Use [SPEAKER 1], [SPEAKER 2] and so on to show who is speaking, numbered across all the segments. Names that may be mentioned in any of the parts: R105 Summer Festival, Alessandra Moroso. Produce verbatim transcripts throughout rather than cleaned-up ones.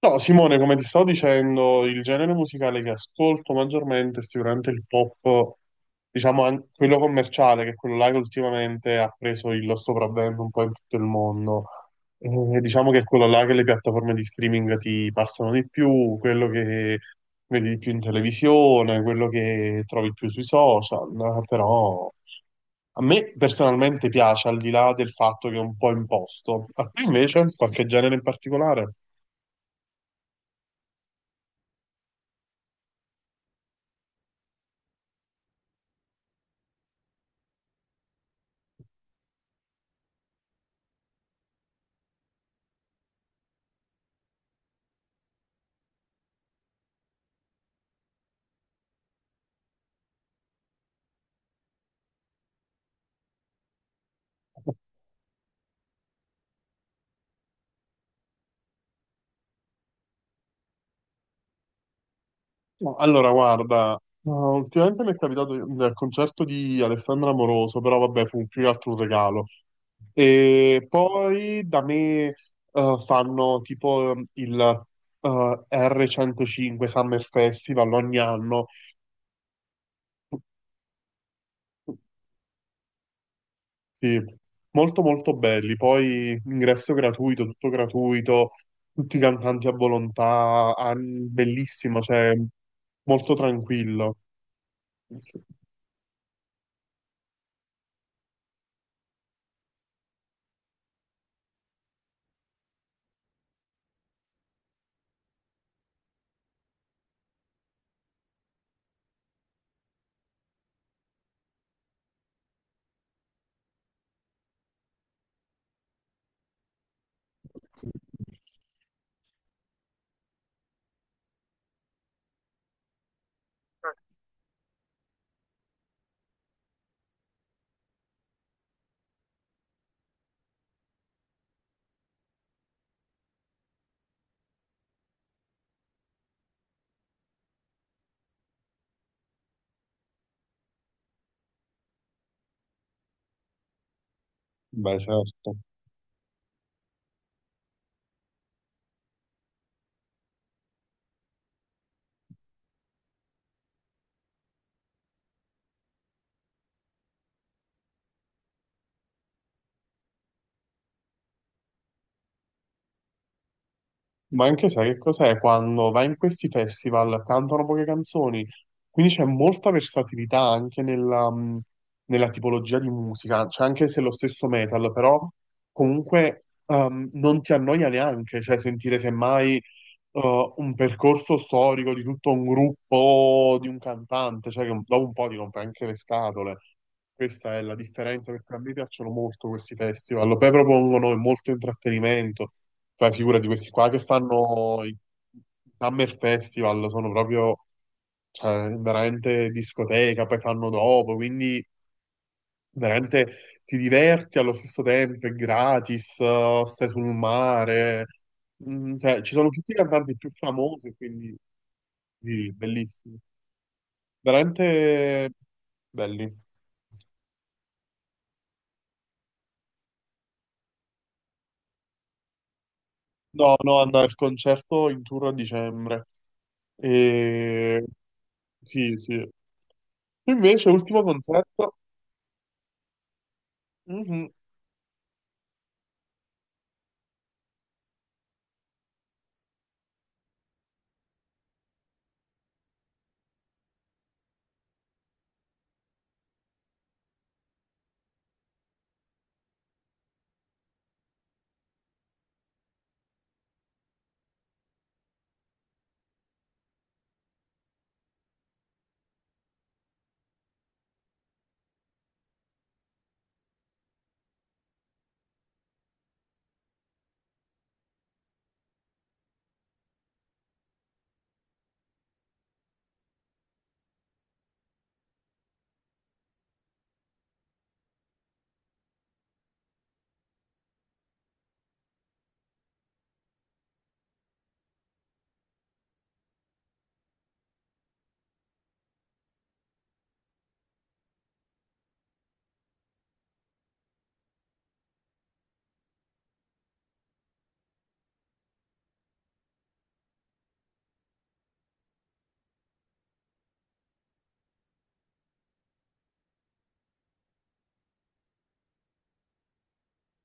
[SPEAKER 1] No, Simone, come ti stavo dicendo, il genere musicale che ascolto maggiormente è sicuramente il pop, diciamo an- quello commerciale, che è quello là che ultimamente ha preso il sopravvento un po' in tutto il mondo. E diciamo che è quello là che le piattaforme di streaming ti passano di più, quello che vedi di più in televisione, quello che trovi più sui social, eh, però a me personalmente piace, al di là del fatto che è un po' imposto. A te invece, qualche genere in particolare? No, allora, guarda, uh, ultimamente mi è capitato nel concerto di Alessandra Moroso, però vabbè, fu più che altro un regalo. E poi da me uh, fanno tipo um, il uh, R cento cinque Summer Festival ogni anno. Sì, molto molto belli. Poi ingresso gratuito, tutto gratuito, tutti i cantanti a volontà, ah, bellissimo, cioè molto tranquillo. Beh, certo. Ma anche sai che cos'è? Quando vai in questi festival cantano poche canzoni, quindi c'è molta versatilità anche nella, mh, nella tipologia di musica, cioè anche se è lo stesso metal, però comunque ehm, non ti annoia neanche, cioè sentire semmai eh, un percorso storico di tutto un gruppo, di un cantante, cioè che un- dopo un po' ti rompe anche le scatole. Questa è la differenza perché a me piacciono molto questi festival. Poi propongono molto intrattenimento. Fai figura di questi qua che fanno i i Summer Festival, sono proprio, cioè, veramente discoteca, poi fanno dopo, quindi veramente ti diverti allo stesso tempo, è gratis, eh, stai sul mare. Mm, cioè, ci sono tutti i cantanti più famosi, quindi sì, bellissimi. Veramente belli. No, no, andare al concerto in tour a dicembre. E... sì, sì. Invece, ultimo concerto, mhm.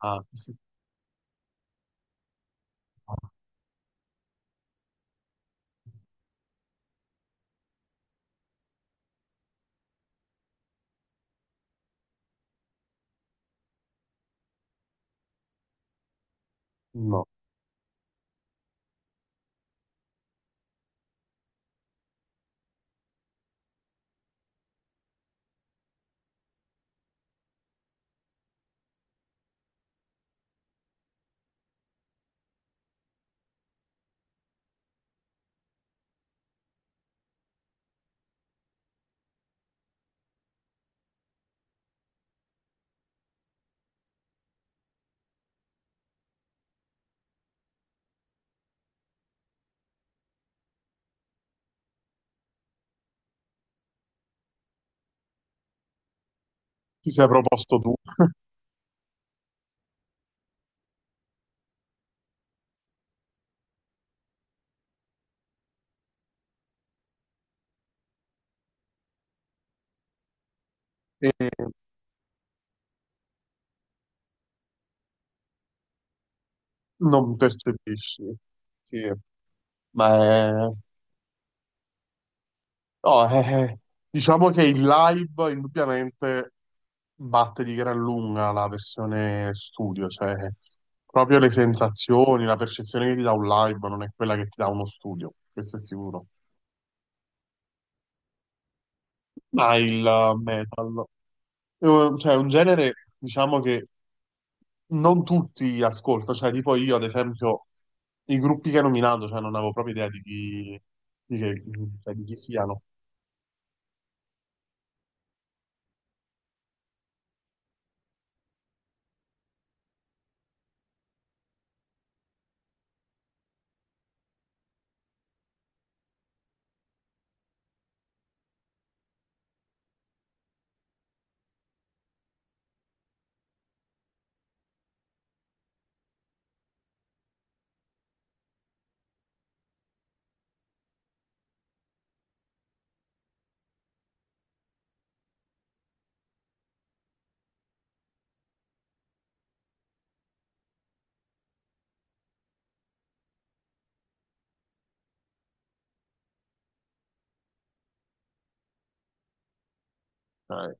[SPEAKER 1] Ah, sì. No, ti sei proposto tu e non percepisci. Sì, ma è... no, è- diciamo che il live indubbiamente batte di gran lunga la versione studio, cioè proprio le sensazioni, la percezione che ti dà un live non è quella che ti dà uno studio, questo è sicuro. Ma il metal, eh, cioè è un genere, diciamo che non tutti ascolto, cioè tipo io ad esempio i gruppi che hai nominato, cioè non avevo proprio idea di chi, di che- cioè, di chi siano. Eh,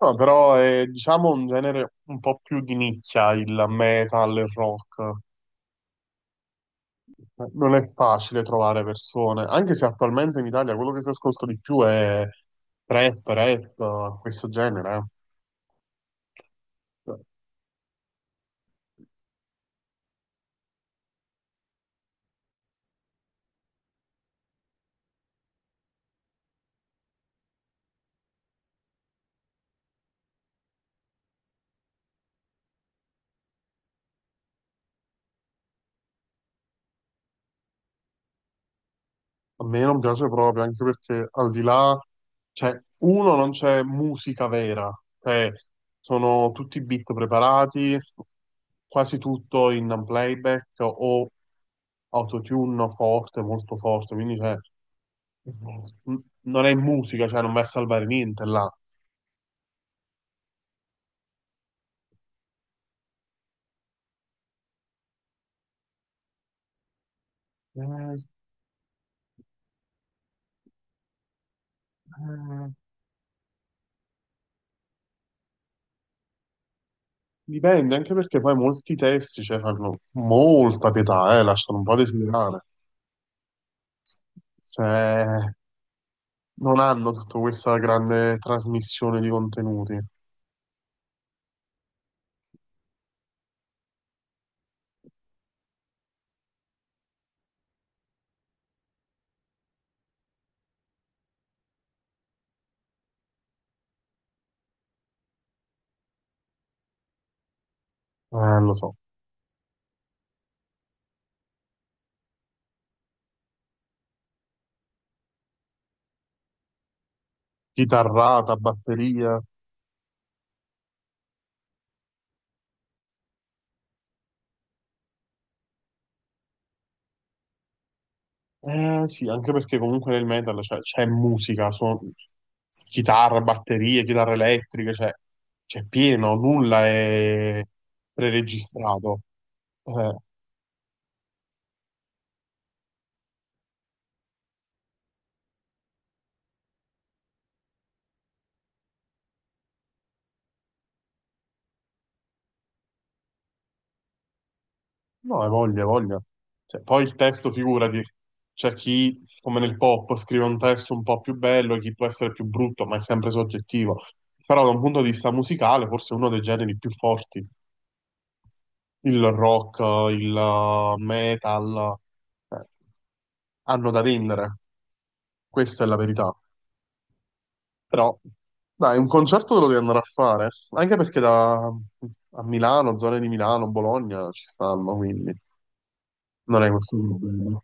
[SPEAKER 1] no, però è diciamo un genere un po' più di nicchia, il metal, il rock. Eh, Non è facile trovare persone, anche se attualmente in Italia quello che si ascolta di più è trap, rap, questo genere. Eh. A me non piace proprio, anche perché al di là, cioè, uno, non c'è musica vera, cioè, sono tutti beat preparati, quasi tutto in playback o autotune forte, molto forte, quindi cioè, n- non è musica, cioè, non va a salvare niente là. Eh, eh, dipende, anche perché poi molti testi, cioè, fanno molta pietà, eh, lasciano un po' a desiderare. Cioè, non hanno tutta questa grande trasmissione di contenuti. Eh, lo so. Chitarrata, batteria. Eh sì, anche perché comunque nel metal cioè, c'è musica, suon- chitarra, batterie, chitarre elettriche, cioè c'è pieno, nulla è preregistrato. Eh, No, hai voglia, hai voglia. Cioè, poi il testo, figurati, c'è chi, come nel pop, scrive un testo un po' più bello, chi può essere più brutto, ma è sempre soggettivo. Però da un punto di vista musicale, forse è uno dei generi più forti. Il rock, il uh, metal, eh, hanno da vendere. Questa è la verità. Però, dai, un concerto te lo devi andare a fare, anche perché da, a Milano, zone di Milano, Bologna ci stanno, quindi non è questo. Il problema.